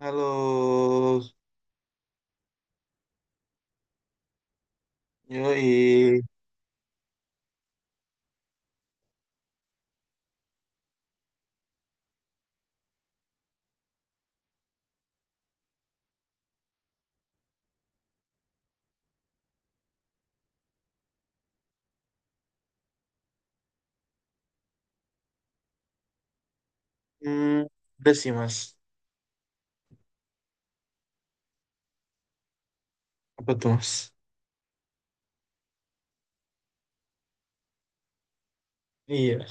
Halo, yoi. Hmm, udah sih, mas. Apa tuh, mas? Iya.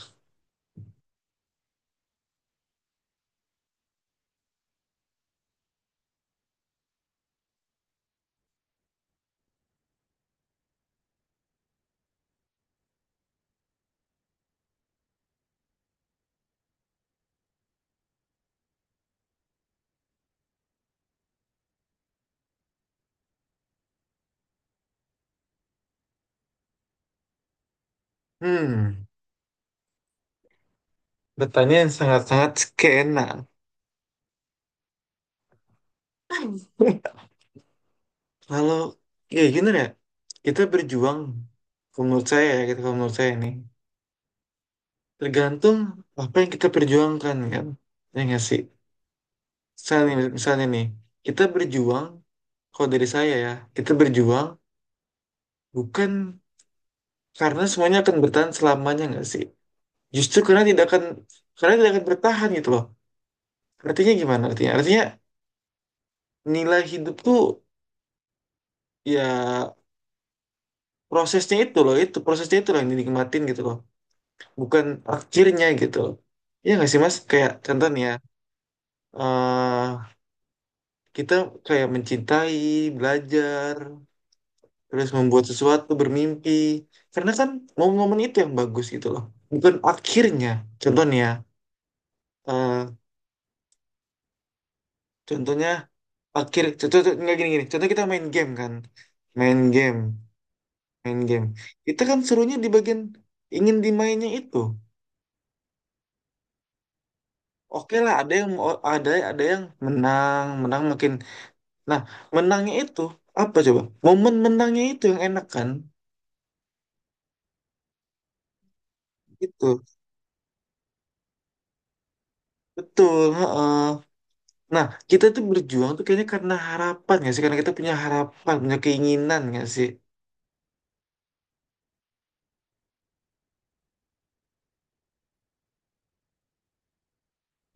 Hmm, Bertanya yang sangat-sangat skena. Kalau ya gini ya, kita berjuang. Kalau menurut saya ya, kita kalau menurut saya ini tergantung apa yang kita perjuangkan, kan. Ya nggak sih. Misalnya nih, kita berjuang. Kalau dari saya ya, kita berjuang bukan karena semuanya akan bertahan selamanya, nggak sih. Justru karena tidak akan bertahan, gitu loh. Artinya gimana, artinya artinya nilai hidup tuh, ya, prosesnya itu loh, yang dinikmatin, gitu loh. Bukan akhirnya, gitu loh. Ya nggak sih, mas? Kayak contohnya, eh kita kayak mencintai, belajar, terus membuat sesuatu, bermimpi, karena kan momen-momen itu yang bagus, gitu loh. Bukan akhirnya. Contohnya eh contohnya, nggak gini gini, contoh kita main game kan, main game main game kita kan, serunya di bagian ingin dimainnya itu. Oke lah, ada yang menang, menang makin. Nah, menangnya itu apa coba, momen menangnya itu yang enak kan. Itu betul, heeh. Nah, kita tuh berjuang tuh kayaknya karena harapan nggak sih, karena kita punya harapan, punya keinginan nggak sih.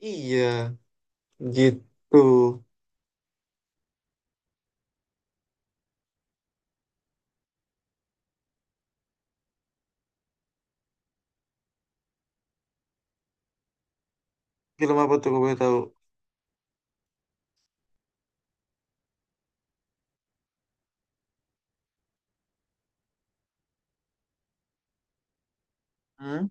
Iya, gitu. Film apa tuh, kalau boleh tahu? Hmm?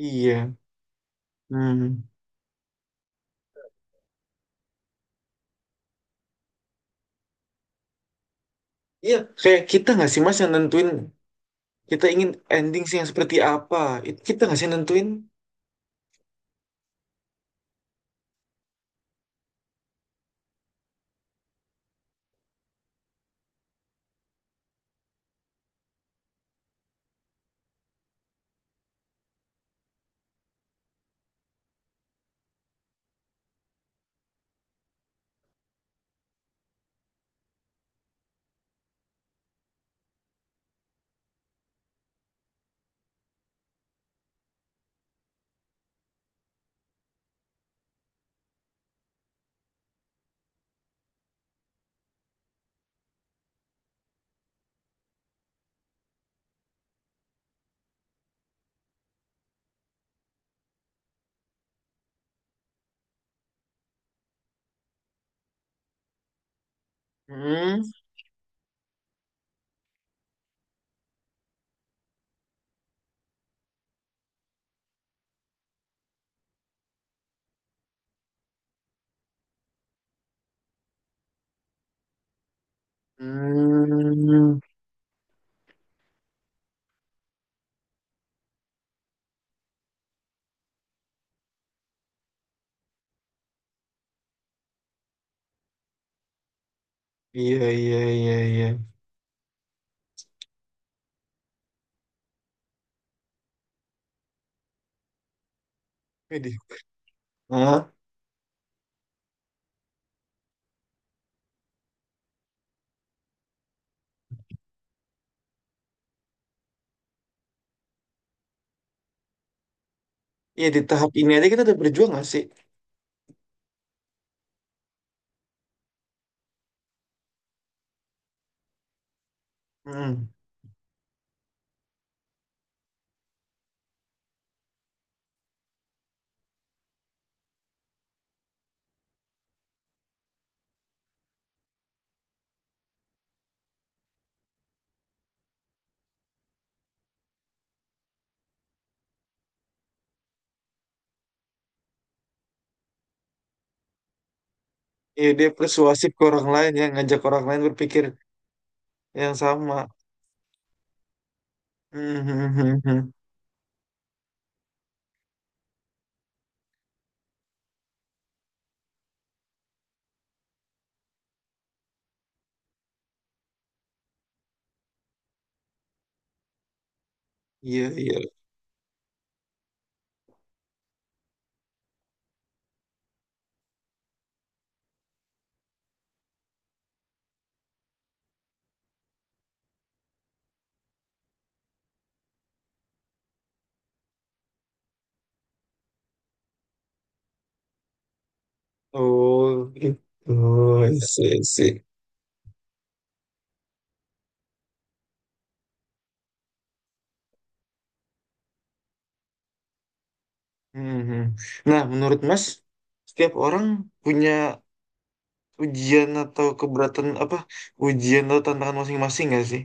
Iya. Hmm. Iya, kayak kita nggak sih, mas, yang nentuin kita ingin ending sih yang seperti apa? Itu kita nggak sih yang nentuin? Hmm, hmm, iya, iya, iya, iya. Jadi, ah, iya, di tahap ini aja kita udah berjuang nggak sih? Hmm, iya, dia persuasif ke orang lain, ya, ngajak orang lain berpikir yang sama. Hmm, hmm, hmm, hmm. Iya, iya. Oh, gitu. Iya, sih, sih. Hmm, hmm. Nah, menurut mas, setiap orang punya ujian atau keberatan apa ujian atau tantangan masing-masing nggak sih?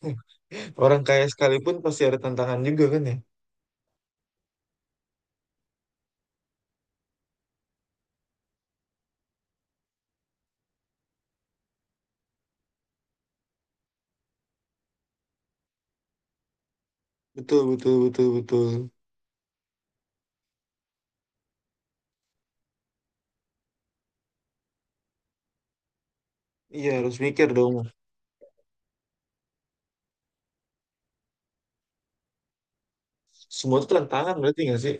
Hmm. Orang kaya sekalipun pasti ada tantangan juga kan, ya? Betul, betul, betul, betul. Iya, harus mikir dong. Semua itu tantangan berarti nggak sih?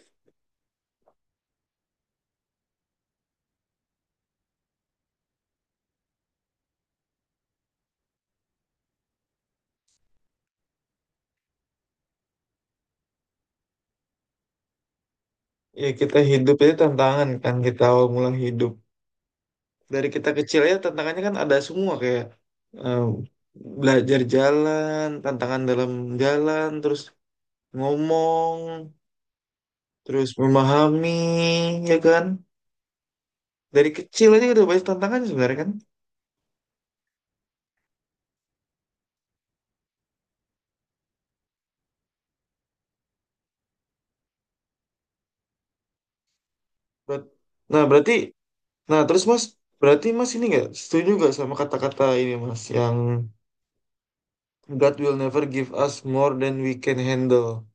Ya, kita hidup itu tantangan kan, kita awal mula hidup. Dari kita kecil ya tantangannya kan ada semua, kayak eh, belajar jalan, tantangan dalam jalan, terus ngomong, terus memahami, ya kan? Dari kecil aja udah banyak tantangannya, sebenarnya kan? Ber- Nah, berarti, nah terus mas, berarti mas ini nggak setuju nggak sama kata-kata ini mas, yang God will never give us more than we can handle.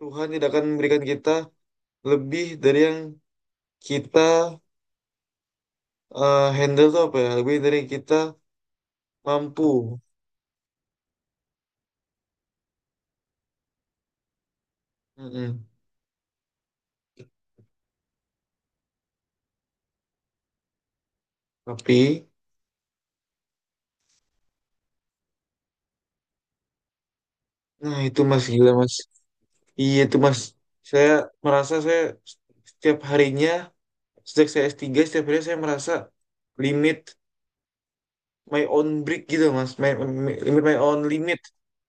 Tuhan tidak akan memberikan kita lebih dari yang kita, handle tuh apa ya, lebih dari yang kita mampu. Mm-mm. Tapi, nah itu mas gila mas, iya itu mas, saya merasa saya setiap harinya sejak saya S3 setiap hari saya merasa limit my own break gitu mas. My, my- Limit my own limit,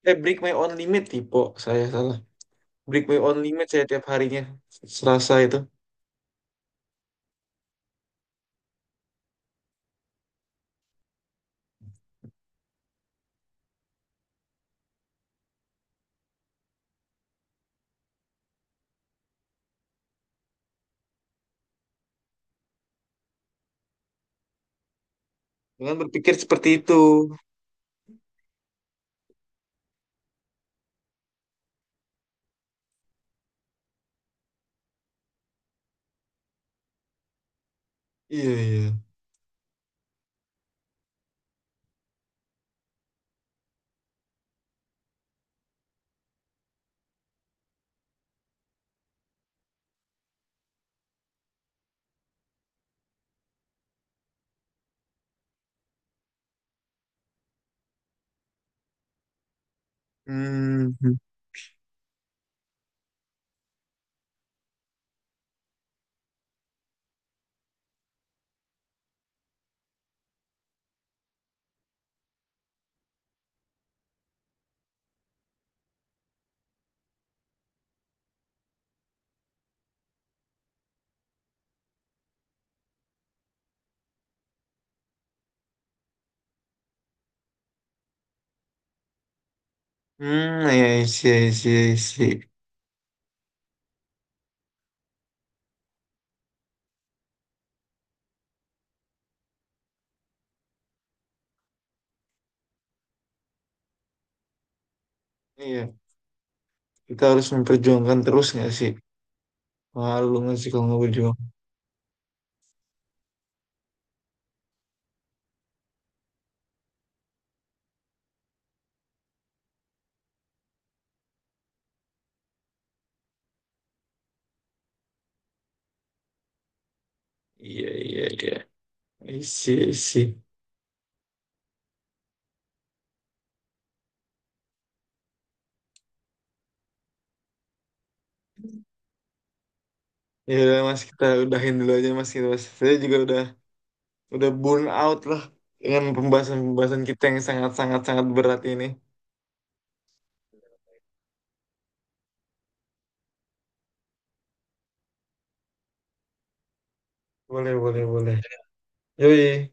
break my own limit, saya salah. Break my own limit saya tiap harinya Selasa itu. Dengan berpikir seperti itu. Iya, iya. Hmm, hmm. Iya, iya, iya, iya, iya. Iya. Kita harus memperjuangkan terus nggak sih, malu nggak sih kalau nggak berjuang. Iya, iya, iya, isi, isi. Ya udah, mas, kita udahin dulu aja mas, gitu mas, saya juga udah burn out lah dengan pembahasan-pembahasan kita yang sangat-sangat sangat berat ini. Boleh, boleh, boleh. Yoi.